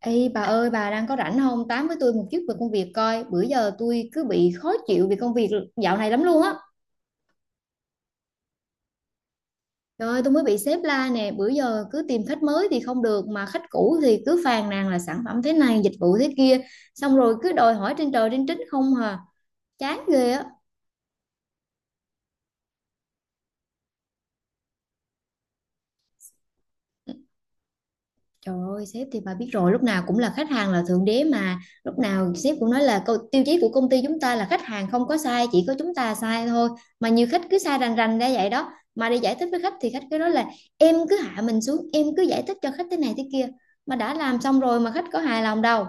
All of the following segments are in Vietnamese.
Ê bà ơi bà đang có rảnh không tám với tôi một chút về công việc coi? Bữa giờ tôi cứ bị khó chịu vì công việc dạo này lắm luôn á. Trời ơi, tôi mới bị sếp la nè, bữa giờ cứ tìm khách mới thì không được mà khách cũ thì cứ phàn nàn là sản phẩm thế này dịch vụ thế kia, xong rồi cứ đòi hỏi trên trời trên trích không hà. Chán ghê á. Trời ơi, sếp thì bà biết rồi, lúc nào cũng là khách hàng là thượng đế mà. Lúc nào sếp cũng nói là câu tiêu chí của công ty chúng ta là khách hàng không có sai, chỉ có chúng ta sai thôi. Mà nhiều khách cứ sai rành rành ra vậy đó. Mà đi giải thích với khách thì khách cứ nói là em cứ hạ mình xuống, em cứ giải thích cho khách thế này thế kia. Mà đã làm xong rồi mà khách có hài lòng đâu.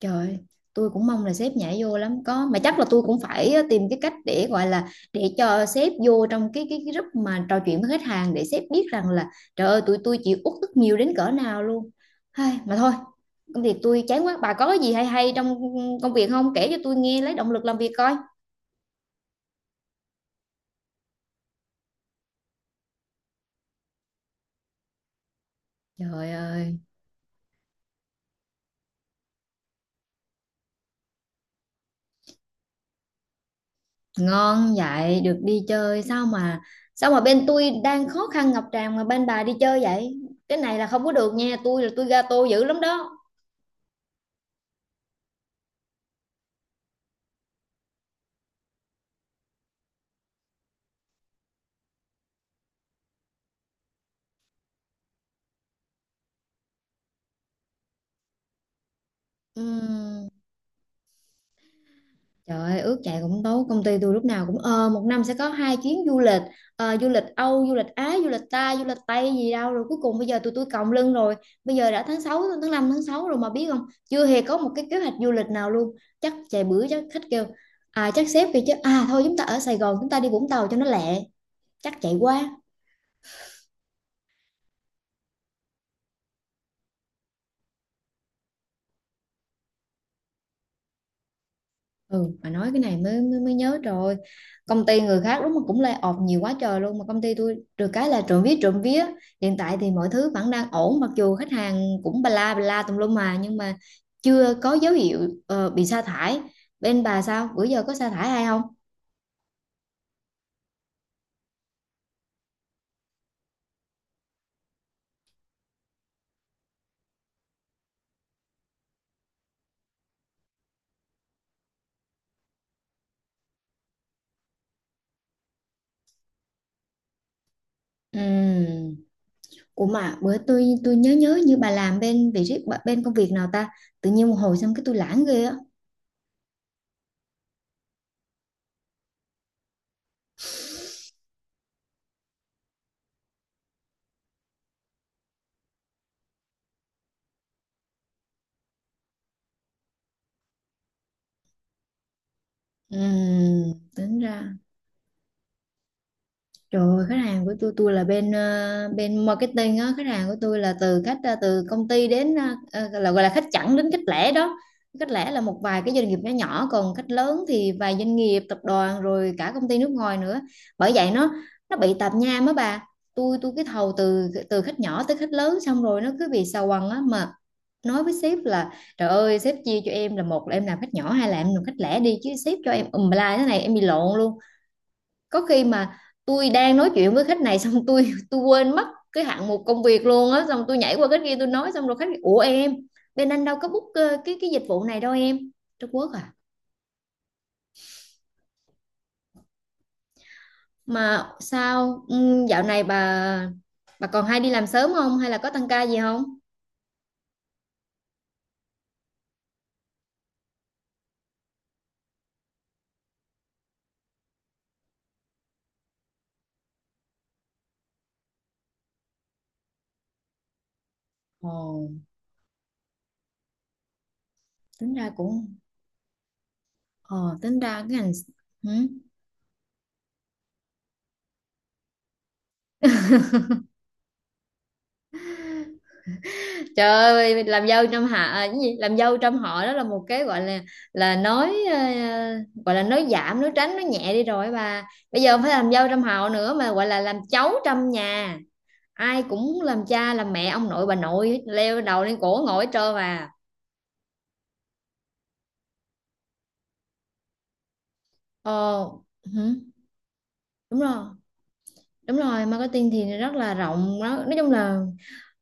Trời ơi, tôi cũng mong là sếp nhảy vô lắm có mà chắc là tôi cũng phải tìm cái cách để gọi là để cho sếp vô trong cái group mà trò chuyện với khách hàng để sếp biết rằng là trời ơi tụi tôi chịu uất ức nhiều đến cỡ nào luôn. Hay mà thôi, công việc tôi chán quá. Bà có cái gì hay hay trong công việc không? Kể cho tôi nghe lấy động lực làm việc coi. Trời ơi, ngon vậy được đi chơi sao mà? Sao mà bên tôi đang khó khăn ngập tràn mà bên bà đi chơi vậy? Cái này là không có được nha, tôi là tôi gato dữ lắm đó. Ừm. Trời ơi, ước chạy cũng tốt, công ty tôi lúc nào cũng một năm sẽ có hai chuyến du lịch, du lịch Âu, du lịch Á, du lịch ta, du lịch Tây gì đâu rồi cuối cùng bây giờ tụi tôi còng lưng rồi. Bây giờ đã tháng sáu, tháng sáu rồi mà biết không? Chưa hề có một cái kế hoạch du lịch nào luôn. Chắc chạy bữa, chắc khách kêu, à chắc sếp kêu chứ, à thôi chúng ta ở Sài Gòn chúng ta đi Vũng Tàu cho nó lẹ. Chắc chạy quá. Ừ, mà nói cái này mới, mới mới nhớ rồi, công ty người khác đúng mà cũng lay off nhiều quá trời luôn mà công ty tôi được cái là trộm vía trộm vía, hiện tại thì mọi thứ vẫn đang ổn mặc dù khách hàng cũng ba la bla bla tùm lum mà, nhưng mà chưa có dấu hiệu bị sa thải. Bên bà sao bữa giờ có sa thải hay không? Ừm. Ủa mà bữa tôi nhớ nhớ như bà làm bên vị trí bên công việc nào ta, tự nhiên một hồi xong cái tôi lãng ghê á. Ừm, tính ra. Trời ơi, khách hàng của tôi là bên bên marketing á, khách hàng của tôi là từ khách từ công ty đến là gọi là khách chẵn đến khách lẻ đó. Khách lẻ là một vài cái doanh nghiệp nhỏ nhỏ, còn khách lớn thì vài doanh nghiệp, tập đoàn rồi cả công ty nước ngoài nữa. Bởi vậy nó bị tạp nham á bà. Tôi cái thầu từ từ khách nhỏ tới khách lớn xong rồi nó cứ bị xào quằn á, mà nói với sếp là trời ơi sếp chia cho em, là một là em làm khách nhỏ hai là em làm khách lẻ đi, chứ sếp cho em ùm la thế này em bị lộn luôn. Có khi mà tôi đang nói chuyện với khách này xong tôi tôi quên mất cái hạng mục công việc luôn á, xong tôi nhảy qua cái kia tôi nói xong rồi khách ủa em, bên anh đâu có book cái dịch vụ này đâu em. Trung Quốc à. Mà sao ừ, dạo này bà còn hay đi làm sớm không hay là có tăng ca gì không? Ồ, tính ra cũng. Ồ, tính ra cái ngành. Ừ. Trời ơi, làm dâu trong hạ à, cái gì? Làm dâu trong họ đó là một cái gọi là nói gọi là nói giảm, nói tránh, nói nhẹ đi rồi bà. Bây giờ không phải làm dâu trong họ nữa mà gọi là làm cháu trong nhà. Ai cũng làm cha, làm mẹ, ông nội, bà nội leo đầu lên cổ ngồi hết trơn mà. Ờ, hử, đúng rồi. Đúng rồi, marketing thì rất là rộng đó. Nói chung là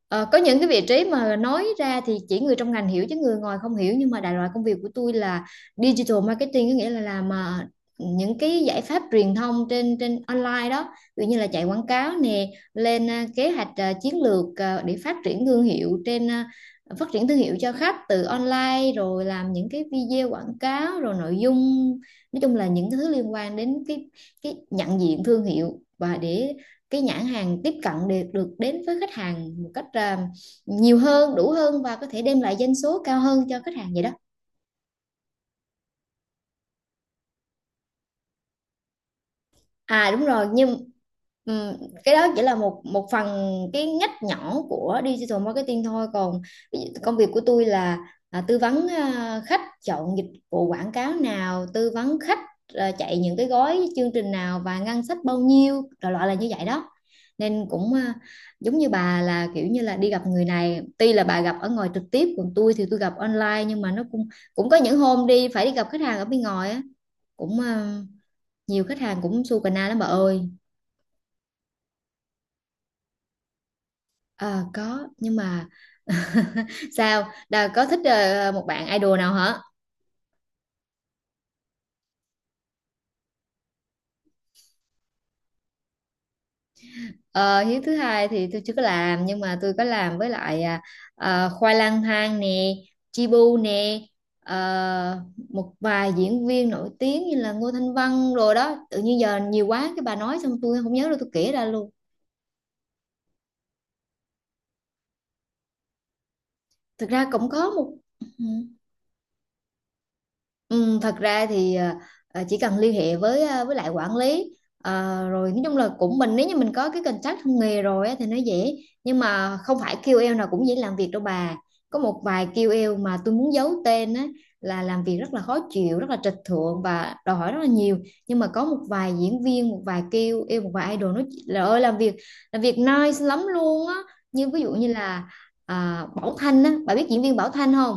ờ, có những cái vị trí mà nói ra thì chỉ người trong ngành hiểu chứ người ngoài không hiểu, nhưng mà đại loại công việc của tôi là digital marketing, có nghĩa là làm những cái giải pháp truyền thông trên trên online đó, ví dụ như là chạy quảng cáo nè, lên kế hoạch, chiến lược để phát triển thương hiệu trên phát triển thương hiệu cho khách từ online, rồi làm những cái video quảng cáo rồi nội dung, nói chung là những cái thứ liên quan đến cái nhận diện thương hiệu và để cái nhãn hàng tiếp cận được được đến với khách hàng một cách nhiều hơn, đủ hơn, và có thể đem lại doanh số cao hơn cho khách hàng vậy đó. À đúng rồi, nhưng ừm, cái đó chỉ là một một phần, cái ngách nhỏ của digital marketing thôi, còn ví dụ công việc của tôi là tư vấn khách chọn dịch vụ quảng cáo nào, tư vấn khách chạy những cái gói chương trình nào và ngân sách bao nhiêu, đại loại là như vậy đó. Nên cũng à, giống như bà là kiểu như là đi gặp người này, tuy là bà gặp ở ngoài trực tiếp còn tôi thì tôi gặp online, nhưng mà nó cũng cũng có những hôm đi phải đi gặp khách hàng ở bên ngoài á, cũng à, nhiều khách hàng cũng su cà na lắm bà ơi. À, có nhưng mà sao Đà có thích một bạn idol nào hả? Ờ, hiếu thứ hai thì tôi chưa có làm, nhưng mà tôi có làm với lại Khoai Lang Thang nè, Chibu nè, ờ, một vài diễn viên nổi tiếng như là Ngô Thanh Vân rồi đó, tự nhiên giờ nhiều quá cái bà nói xong tôi không nhớ đâu tôi kể ra luôn. Thực ra cũng có một, ừ. Ừ, thật ra thì chỉ cần liên hệ với với lại quản lý, rồi nói chung là cũng mình, nếu như mình có cái contact trong nghề rồi á, thì nó dễ, nhưng mà không phải kiu eo nào cũng dễ làm việc đâu bà. Có một vài kiu eo mà tôi muốn giấu tên á, là làm việc rất là khó chịu, rất là trịch thượng và đòi hỏi rất là nhiều. Nhưng mà có một vài diễn viên, một vài kiu eo, một vài idol nó là ơi làm việc, làm việc nice lắm luôn á, như ví dụ như là Bảo Thanh á, bà biết diễn viên Bảo Thanh không?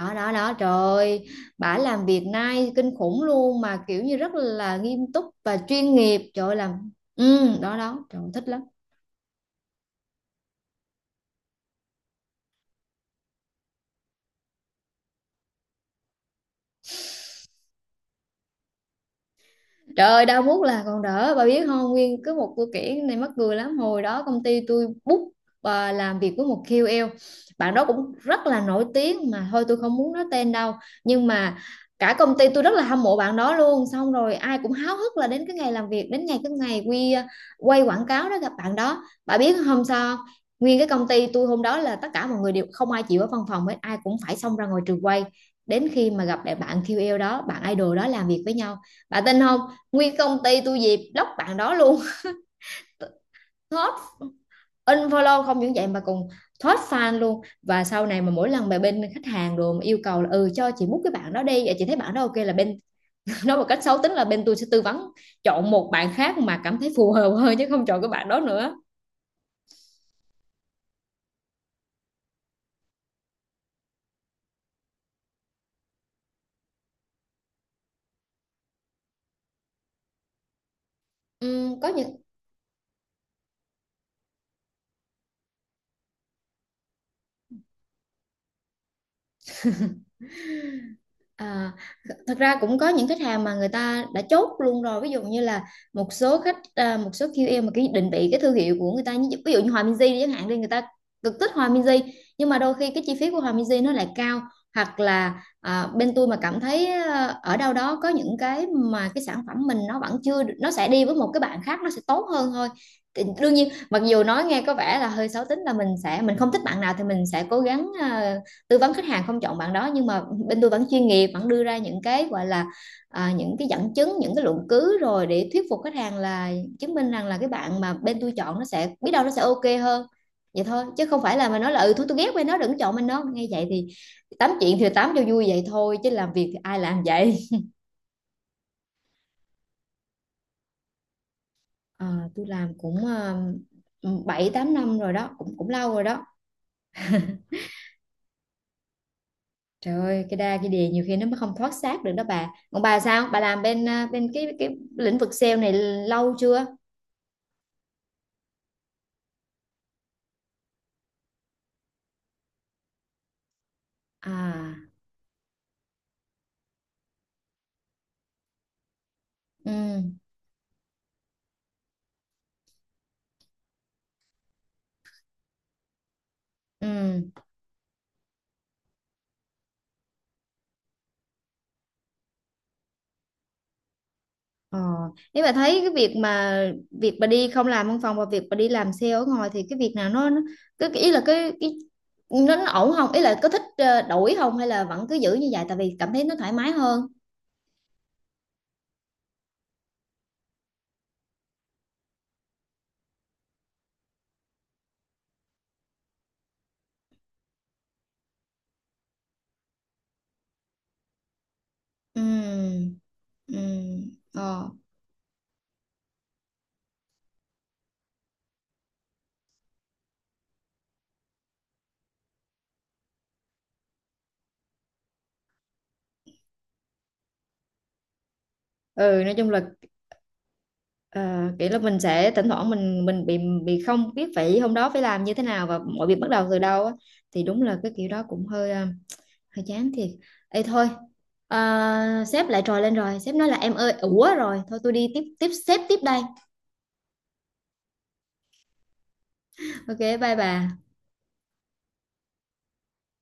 Đó đó đó, trời ơi, bả làm việc nay kinh khủng luôn, mà kiểu như rất là nghiêm túc và chuyên nghiệp, trời ơi, làm. Ừ, đó đó, trời ơi, thích lắm. Trời ơi, đau muốt là còn đỡ, bà biết không? Nguyên cứ một câu kể này mắc cười lắm, hồi đó công ty tôi book và làm việc với một kiu eo, bạn đó cũng rất là nổi tiếng mà thôi tôi không muốn nói tên đâu, nhưng mà cả công ty tôi rất là hâm mộ bạn đó luôn, xong rồi ai cũng háo hức là đến cái ngày làm việc, đến ngày cái ngày quy quay quảng cáo đó gặp bạn đó, bà biết không sao không? Nguyên cái công ty tôi hôm đó là tất cả mọi người đều không ai chịu ở văn phòng hết, ai cũng phải xông ra ngoài trường quay, đến khi mà gặp lại bạn kiu eo đó, bạn idol đó làm việc với nhau, bà tin không, nguyên công ty tôi dịp block bạn đó luôn. Thoát unfollow, không những vậy mà còn thoát fan luôn, và sau này mà mỗi lần mà bên khách hàng rồi mà yêu cầu là ừ cho chị mút cái bạn đó đi vậy chị thấy bạn đó ok là bên nói một cách xấu tính là bên tôi sẽ tư vấn chọn một bạn khác mà cảm thấy phù hợp hơn, chứ không chọn cái bạn đó nữa. Có những. À, thật ra cũng có những khách hàng mà người ta đã chốt luôn rồi, ví dụ như là một số khách, một số QL mà cái định vị cái thương hiệu của người ta như- ví dụ như Hòa Minzy đi chẳng hạn đi, người ta cực thích Hòa Minzy, nhưng mà đôi khi cái chi phí của Hòa Minzy nó lại cao, hoặc là bên tôi mà cảm thấy ở đâu đó có những cái mà cái sản phẩm mình nó vẫn chưa được- nó sẽ đi với một cái bạn khác nó sẽ tốt hơn thôi. Thì đương nhiên mặc dù nói nghe có vẻ là hơi xấu tính là mình không thích bạn nào thì mình sẽ cố gắng tư vấn khách hàng không chọn bạn đó, nhưng mà bên tôi vẫn chuyên nghiệp, vẫn đưa ra những cái gọi là những cái dẫn chứng, những cái luận cứ rồi để thuyết phục khách hàng là, chứng minh rằng là cái bạn mà bên tôi chọn nó sẽ biết đâu nó sẽ ok hơn, vậy thôi, chứ không phải là mà nói là ừ thôi tôi ghét bên nó đừng chọn bên nó nghe vậy thì. Tám chuyện thì tám cho vui vậy thôi, chứ làm việc thì ai làm vậy. À, tôi làm cũng 7 8 năm rồi đó, cũng cũng lâu rồi đó. Trời ơi, cái đa cái đề nhiều khi nó mới không thoát xác được đó bà. Còn bà sao? Bà làm bên bên cái lĩnh vực sale này lâu chưa? À, ừ, ừ. Ờ, nếu bà thấy cái việc mà việc bà đi không làm văn phòng và việc bà đi làm sale ở ngoài thì cái việc nào nó cái ý là cái nó ổn không? Ý là có thích đổi không hay là vẫn cứ giữ như vậy tại vì cảm thấy nó thoải mái hơn. Ừ. Ừ. Ờ. Ừ, nói chung là. Ờ, kiểu là mình sẽ thỉnh thoảng mình bị không biết phải hôm đó phải làm như thế nào và mọi việc bắt đầu từ đâu á, thì đúng là cái kiểu đó cũng hơi hơi chán thiệt. Ê thôi, sếp lại trồi lên rồi, sếp nói là em ơi, ủa rồi thôi tôi đi tiếp, sếp tiếp đây. Ok bye bà.